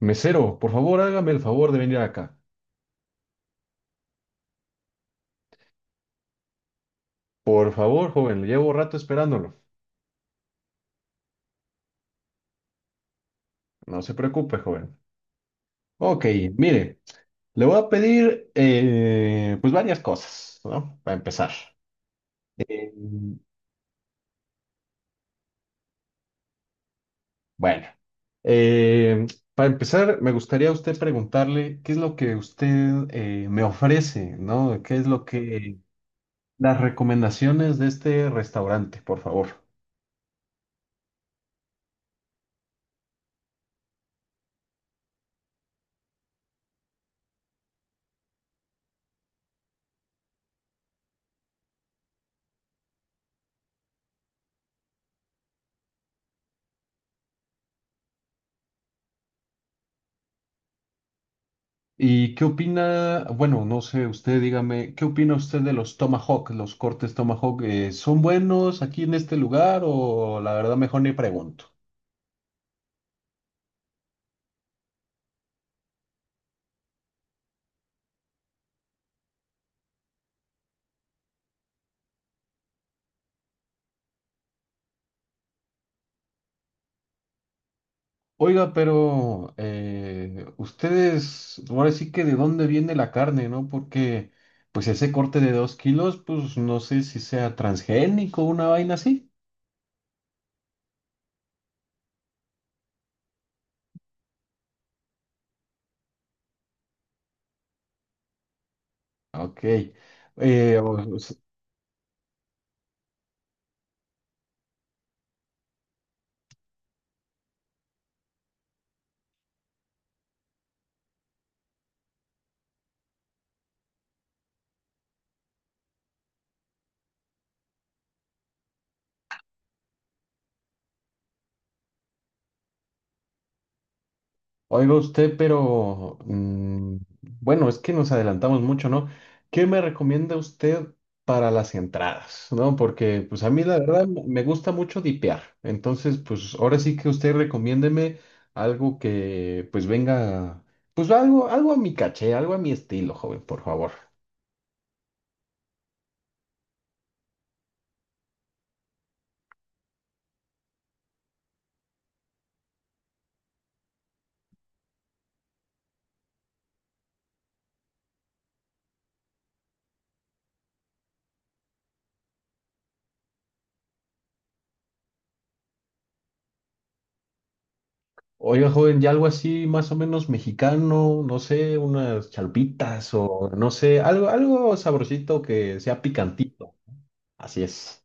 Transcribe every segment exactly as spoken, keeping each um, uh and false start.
Mesero, por favor, hágame el favor de venir acá. Por favor, joven, le llevo rato esperándolo. No se preocupe, joven. Ok, mire, le voy a pedir eh, pues varias cosas, ¿no? Para empezar. Eh, bueno, eh, para empezar, me gustaría a usted preguntarle qué es lo que usted eh, me ofrece, ¿no? ¿Qué es lo que... Las recomendaciones de este restaurante, por favor. ¿Y qué opina? Bueno, no sé, usted dígame, ¿qué opina usted de los Tomahawk, los cortes Tomahawk? Eh, ¿son buenos aquí en este lugar o la verdad mejor ni pregunto? Oiga, pero eh, ustedes, ahora sí que de dónde viene la carne, ¿no? Porque pues ese corte de dos kilos, pues no sé si sea transgénico o una vaina así. Ok. Eh, o- Oiga usted, pero mm, bueno, es que nos adelantamos mucho, ¿no? ¿Qué me recomienda usted para las entradas? ¿No? Porque pues a mí la verdad m- me gusta mucho dipear. Entonces, pues ahora sí que usted recomiéndeme algo que pues venga, pues algo, algo a mi caché, algo a mi estilo, joven, por favor. Oiga, joven, ya algo así más o menos mexicano, no sé, unas chalpitas o no sé, algo, algo sabrosito que sea picantito. Así es.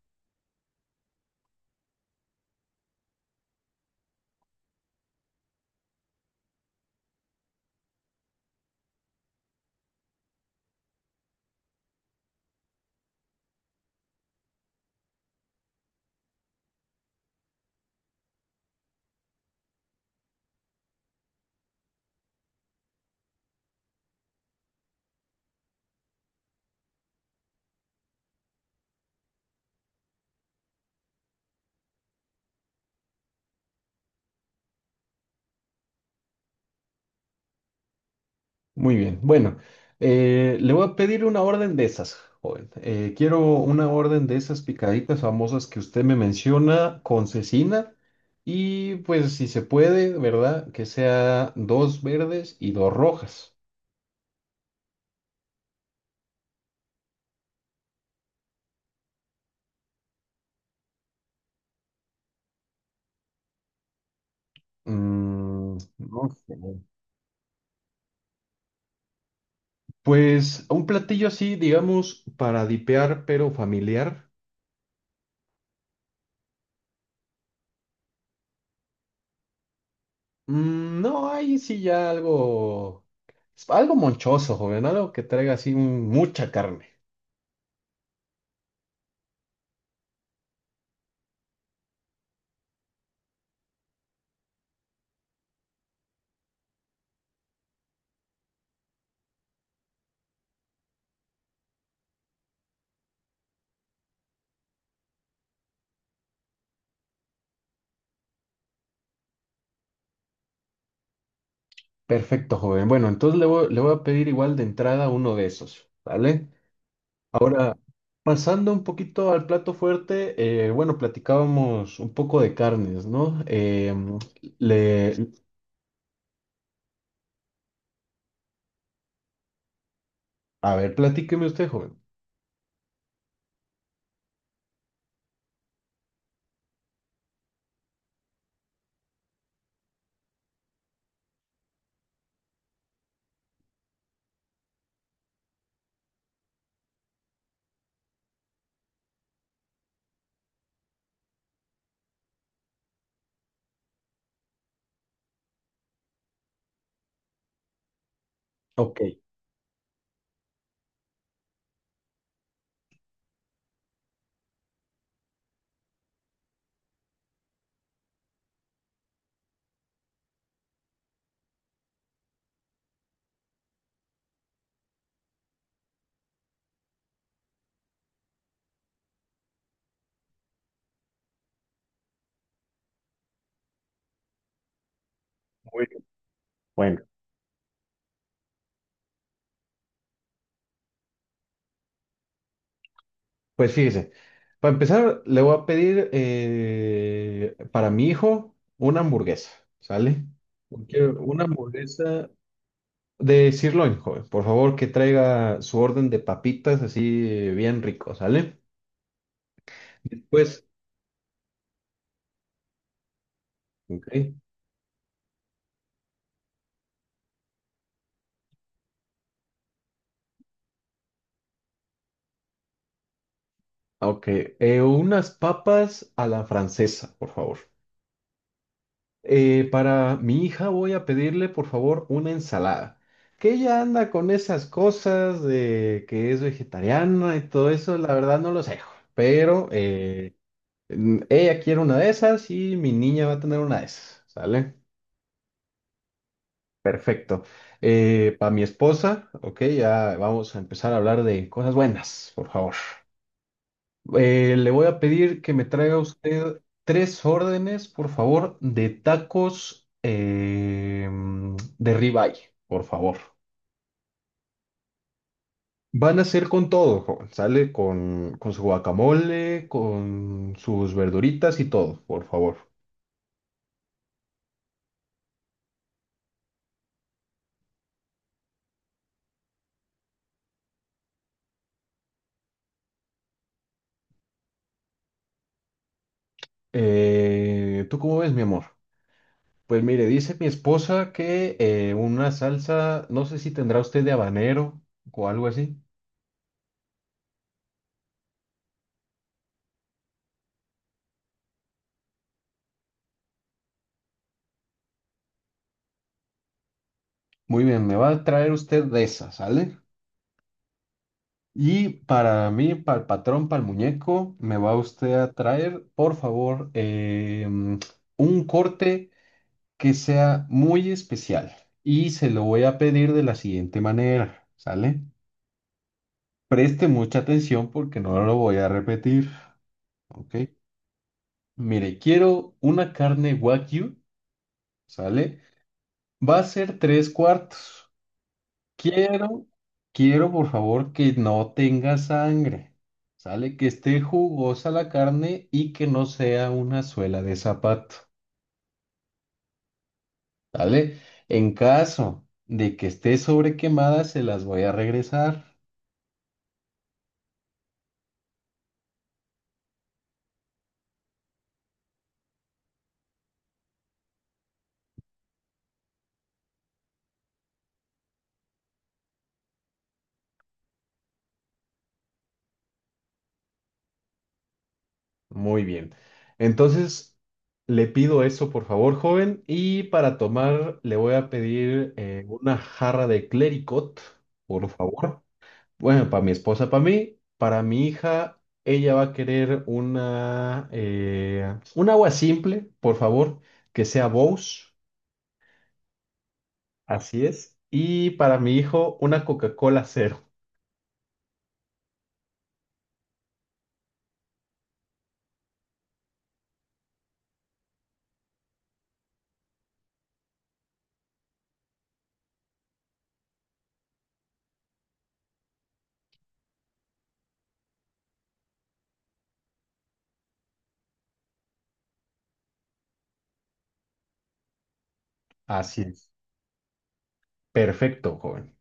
Muy bien. Bueno, eh, le voy a pedir una orden de esas, joven. Eh, quiero una orden de esas picaditas famosas que usted me menciona con cecina y pues si se puede, ¿verdad? Que sea dos verdes y dos rojas. Mm, no sé. Pues un platillo así, digamos, para dipear, pero familiar. Mm, no, ahí sí ya algo, algo monchoso, joven, algo que traiga así mucha carne. Perfecto, joven. Bueno, entonces le voy, le voy a pedir igual de entrada uno de esos, ¿vale? Ahora, pasando un poquito al plato fuerte, eh, bueno, platicábamos un poco de carnes, ¿no? Eh, le, a ver, platíqueme usted, joven. Ok. Muy bien. Bueno, pues fíjese. Para empezar, le voy a pedir eh, para mi hijo una hamburguesa, ¿sale? Quiero una hamburguesa de sirloin, joven. Por favor, que traiga su orden de papitas así bien rico, ¿sale? Después, ok. Ok. Eh, unas papas a la francesa, por favor. Eh, para mi hija voy a pedirle, por favor, una ensalada. Que ella anda con esas cosas de que es vegetariana y todo eso, la verdad no lo sé, joven. Pero eh, mm, ella quiere una de esas y mi niña va a tener una de esas, ¿sale? Perfecto. Eh, para mi esposa, ok, ya vamos a empezar a hablar de cosas buenas, por favor. Eh, le voy a pedir que me traiga usted tres órdenes, por favor, de tacos eh, de ribeye, por favor. Van a ser con todo, joven. Sale con, con su guacamole, con sus verduritas y todo, por favor. Eh, ¿tú cómo ves, mi amor? Pues mire, dice mi esposa que eh, una salsa, no sé si tendrá usted de habanero o algo así. Muy bien, me va a traer usted de esa, ¿sale? Y para mí, para el patrón, para el muñeco, me va usted a traer, por favor, eh, mm, un corte que sea muy especial. Y se lo voy a pedir de la siguiente manera, ¿sale? Preste mucha atención porque no lo voy a repetir, ¿ok? Mire, quiero una carne wagyu, ¿sale? Va a ser tres cuartos. Quiero, quiero por favor que no tenga sangre. Sale que esté jugosa la carne y que no sea una suela de zapato. ¿Sale? En caso de que esté sobrequemada, se las voy a regresar. Muy bien. Entonces, le pido eso por favor, joven. Y para tomar, le voy a pedir eh, una jarra de clericot, por favor. Bueno, para mi esposa, para mí, para mi hija, ella va a querer una, eh, un agua simple, por favor, que sea Bose, así es. Y para mi hijo, una Coca-Cola cero, así es. Perfecto, joven.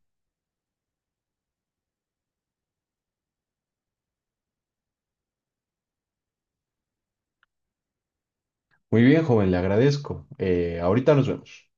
Muy bien, joven, le agradezco. Eh, ahorita nos vemos.